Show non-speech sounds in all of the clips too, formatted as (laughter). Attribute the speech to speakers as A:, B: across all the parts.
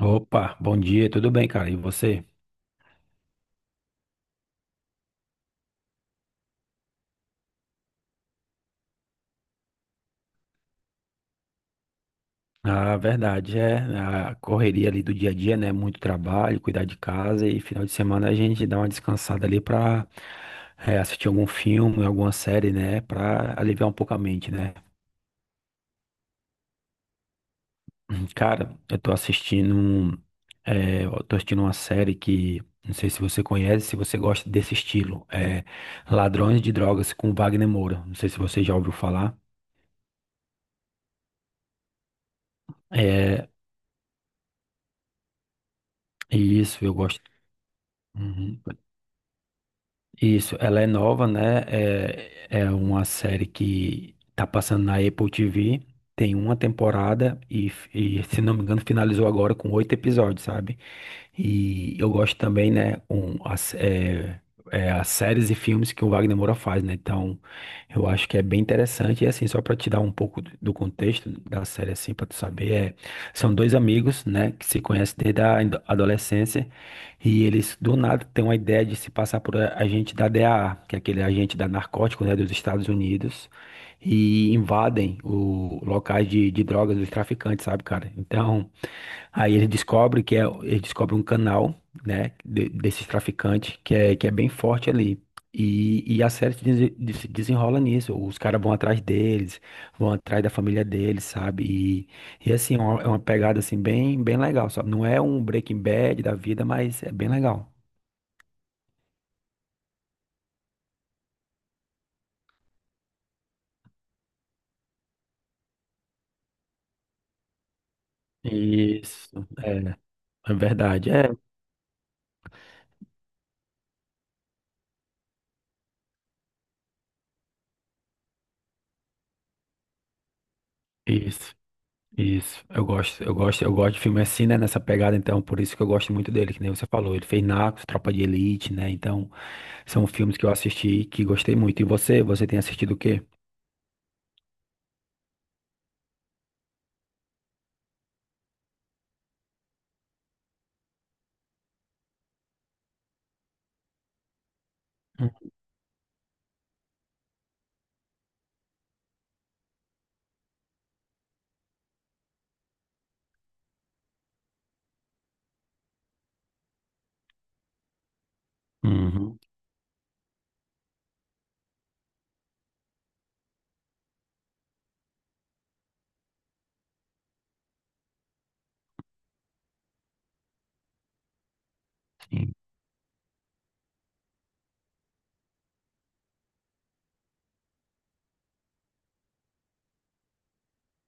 A: Opa, bom dia, tudo bem, cara? E você? A verdade é a correria ali do dia a dia, né? Muito trabalho, cuidar de casa e final de semana a gente dá uma descansada ali pra assistir algum filme, alguma série, né? Pra aliviar um pouco a mente, né? (clears throat) Cara, eu tô eu tô assistindo uma série que não sei se você conhece, se você gosta desse estilo, Ladrões de Drogas com Wagner Moura. Não sei se você já ouviu falar. É isso, eu gosto. Uhum. Isso, ela é nova, né? É uma série que tá passando na Apple TV. Tem uma temporada e, se não me engano, finalizou agora com oito episódios, sabe? E eu gosto também, né? As séries e filmes que o Wagner Moura faz, né? Então, eu acho que é bem interessante. E assim, só para te dar um pouco do contexto da série, assim, para tu saber, é, são dois amigos, né? Que se conhecem desde a adolescência e eles do nada têm uma ideia de se passar por agente da DEA, que é aquele agente da narcótico, né, dos Estados Unidos, e invadem o locais de drogas dos traficantes, sabe, cara? Então, aí ele descobre ele descobre um canal, né, desses traficantes que é bem forte ali. E a série se desenrola nisso. Os caras vão atrás deles, vão atrás da família deles, sabe? E assim, é uma pegada assim bem legal, sabe? Não é um Breaking Bad da vida, mas é bem legal. Isso, é, é verdade, isso, isso. Eu gosto, eu gosto, eu gosto de filme assim, né, nessa pegada, então, por isso que eu gosto muito dele, que nem você falou, ele fez Narcos, Tropa de Elite, né? Então, são filmes que eu assisti e que gostei muito. E você, você tem assistido o quê? Uhum, sim,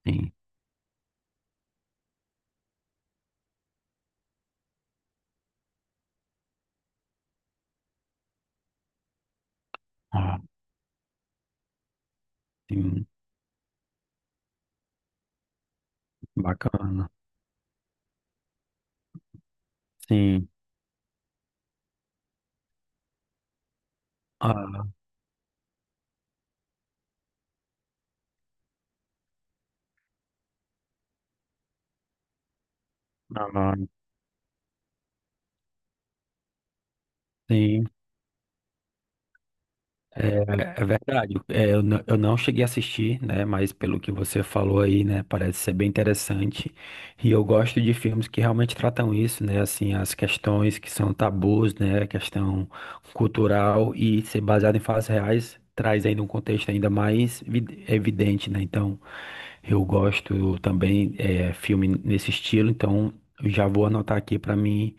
A: sim. Ah, sim, bacana. Sim. Ah, ah, sim. É, é verdade. Eu não cheguei a assistir, né? Mas pelo que você falou aí, né? Parece ser bem interessante. E eu gosto de filmes que realmente tratam isso, né? Assim, as questões que são tabus, né? Questão cultural e ser baseado em fatos reais traz ainda um contexto ainda mais evidente, né? Então, eu gosto também filme nesse estilo. Então, eu já vou anotar aqui para mim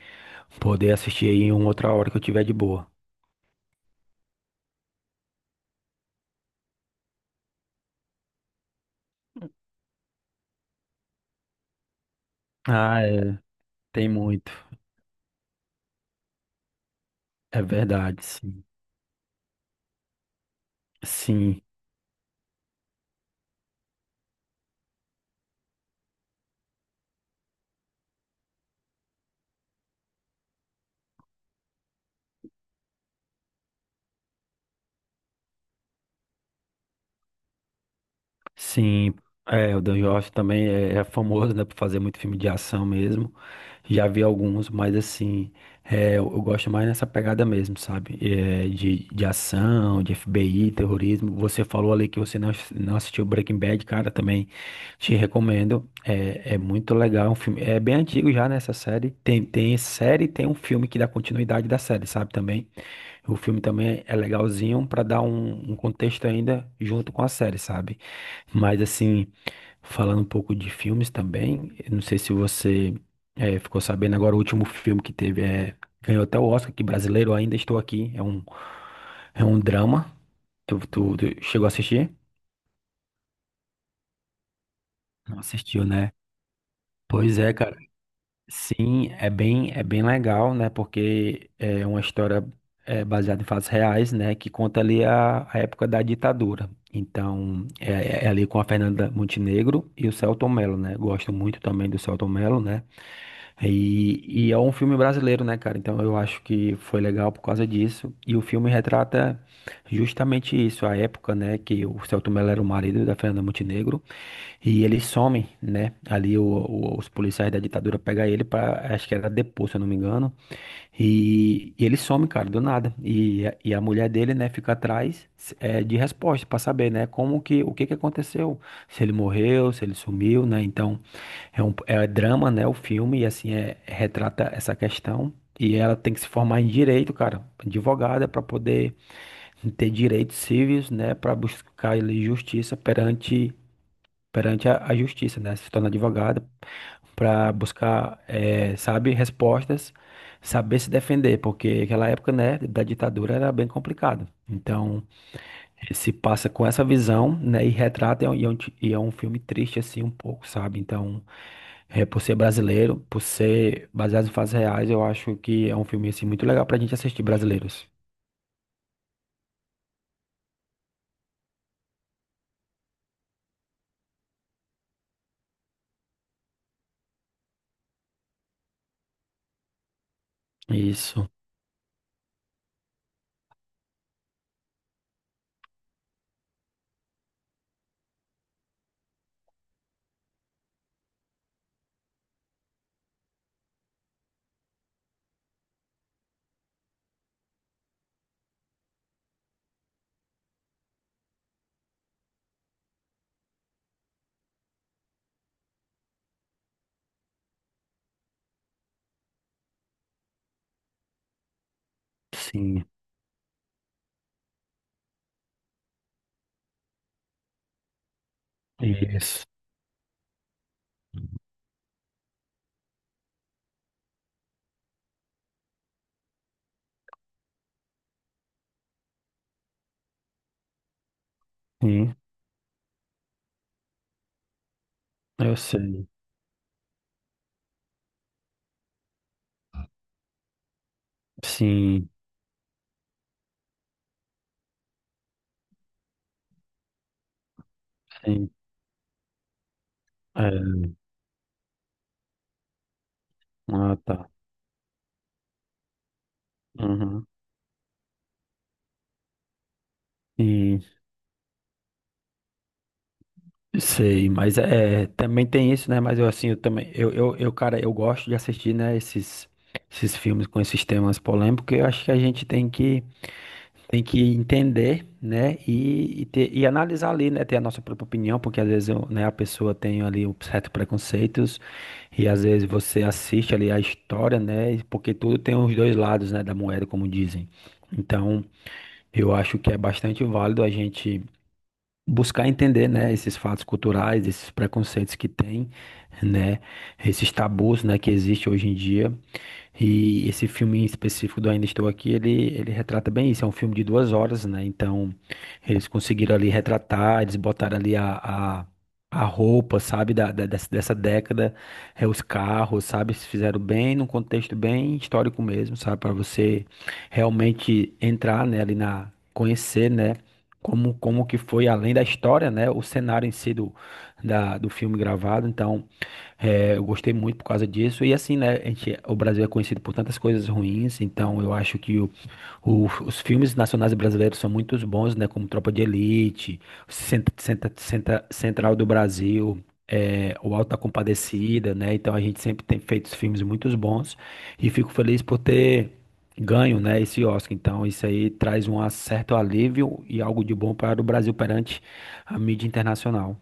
A: poder assistir aí em outra hora que eu tiver de boa. Ah, é. Tem muito. É verdade, sim. Sim, sim. É, o Dan Jorge também é famoso, né, por fazer muito filme de ação mesmo. Já vi alguns, mas assim, é, eu gosto mais nessa pegada mesmo, sabe? É, de ação, de FBI, terrorismo. Você falou ali que você não assistiu Breaking Bad, cara, também te recomendo. É, é muito legal, é um filme. É bem antigo já nessa série. Tem série, tem um filme que dá continuidade da série, sabe? Também. O filme também é legalzinho para dar um contexto ainda junto com a série, sabe? Mas assim, falando um pouco de filmes também, eu não sei se você ficou sabendo agora, o último filme que teve ganhou até o Oscar, que brasileiro ainda estou aqui. É um drama. Tu chegou a assistir? Não assistiu, né? Pois é, cara. Sim, é bem legal, né? Porque é uma história é, baseada em fatos reais, né? Que conta ali a época da ditadura. Então, é, é ali com a Fernanda Montenegro e o Selton Mello, né? Gosto muito também do Selton Mello, né? E é um filme brasileiro, né, cara? Então, eu acho que foi legal por causa disso. E o filme retrata justamente isso, a época, né, que o Celto Mello era o marido da Fernanda Montenegro e eles somem, né, ali os policiais da ditadura pegam ele para, acho que era depor, se eu não me engano, e ele some, cara, do nada, e a mulher dele, né, fica atrás de resposta para saber, né, como que, o que que aconteceu, se ele morreu, se ele sumiu, né, então é drama, né, o filme, e assim, é, retrata essa questão. E ela tem que se formar em direito, cara, advogada, para poder ter direitos civis, né, para buscar ali justiça perante a justiça, né, se tornar advogada para buscar, eh, sabe, respostas, saber se defender, porque aquela época, né, da ditadura era bem complicado. Então, se passa com essa visão, né, e retrata e é um filme triste assim um pouco, sabe? Então, eh, por ser brasileiro, por ser baseado em fatos reais, eu acho que é um filme assim muito legal pra gente assistir brasileiros. Isso. Sim. Isso. Sim, eu sei. Sim, sim. É. Ah, tá. Uhum. E sei, mas é, também tem isso, né? Mas eu assim, eu também, eu, cara, eu gosto de assistir, né, esses, esses filmes com esses temas polêmicos, porque eu acho que a gente tem que entender, né? E analisar ali, né? Ter a nossa própria opinião, porque às vezes né, a pessoa tem ali um certo preconceitos e às vezes você assiste ali a história, né? E porque tudo tem os dois lados, né? Da moeda, como dizem. Então, eu acho que é bastante válido a gente buscar entender, né? Esses fatos culturais, esses preconceitos que tem, né? Esses tabus, né? Que existe hoje em dia e esse filme em específico do Ainda Estou Aqui, ele retrata bem isso. É um filme de 2 horas, né? Então, eles conseguiram ali retratar, eles botaram ali a roupa, sabe, dessa, dessa década, é, os carros, sabe? Se fizeram bem, num contexto bem histórico mesmo, sabe? Para você realmente entrar, né, ali na, conhecer, né? Como, como que foi, além da história, né? O cenário em si do filme gravado. Então. É, eu gostei muito por causa disso. E assim, né, a gente, o Brasil é conhecido por tantas coisas ruins, então eu acho que os filmes nacionais brasileiros são muito bons, né, como Tropa de Elite, Central do Brasil, é, o Auto da Compadecida, né, então a gente sempre tem feito filmes muito bons e fico feliz por ter ganho, né, esse Oscar. Então isso aí traz um certo alívio e algo de bom para o Brasil perante a mídia internacional.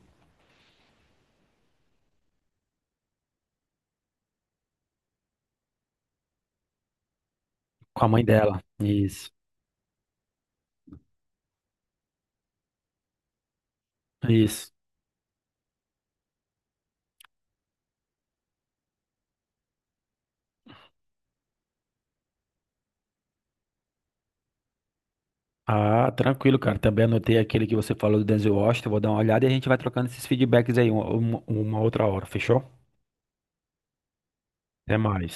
A: Com a mãe dela. Isso. Isso. Ah, tranquilo, cara. Também anotei aquele que você falou do Denzel Washington. Vou dar uma olhada e a gente vai trocando esses feedbacks aí uma outra hora, fechou? Até mais.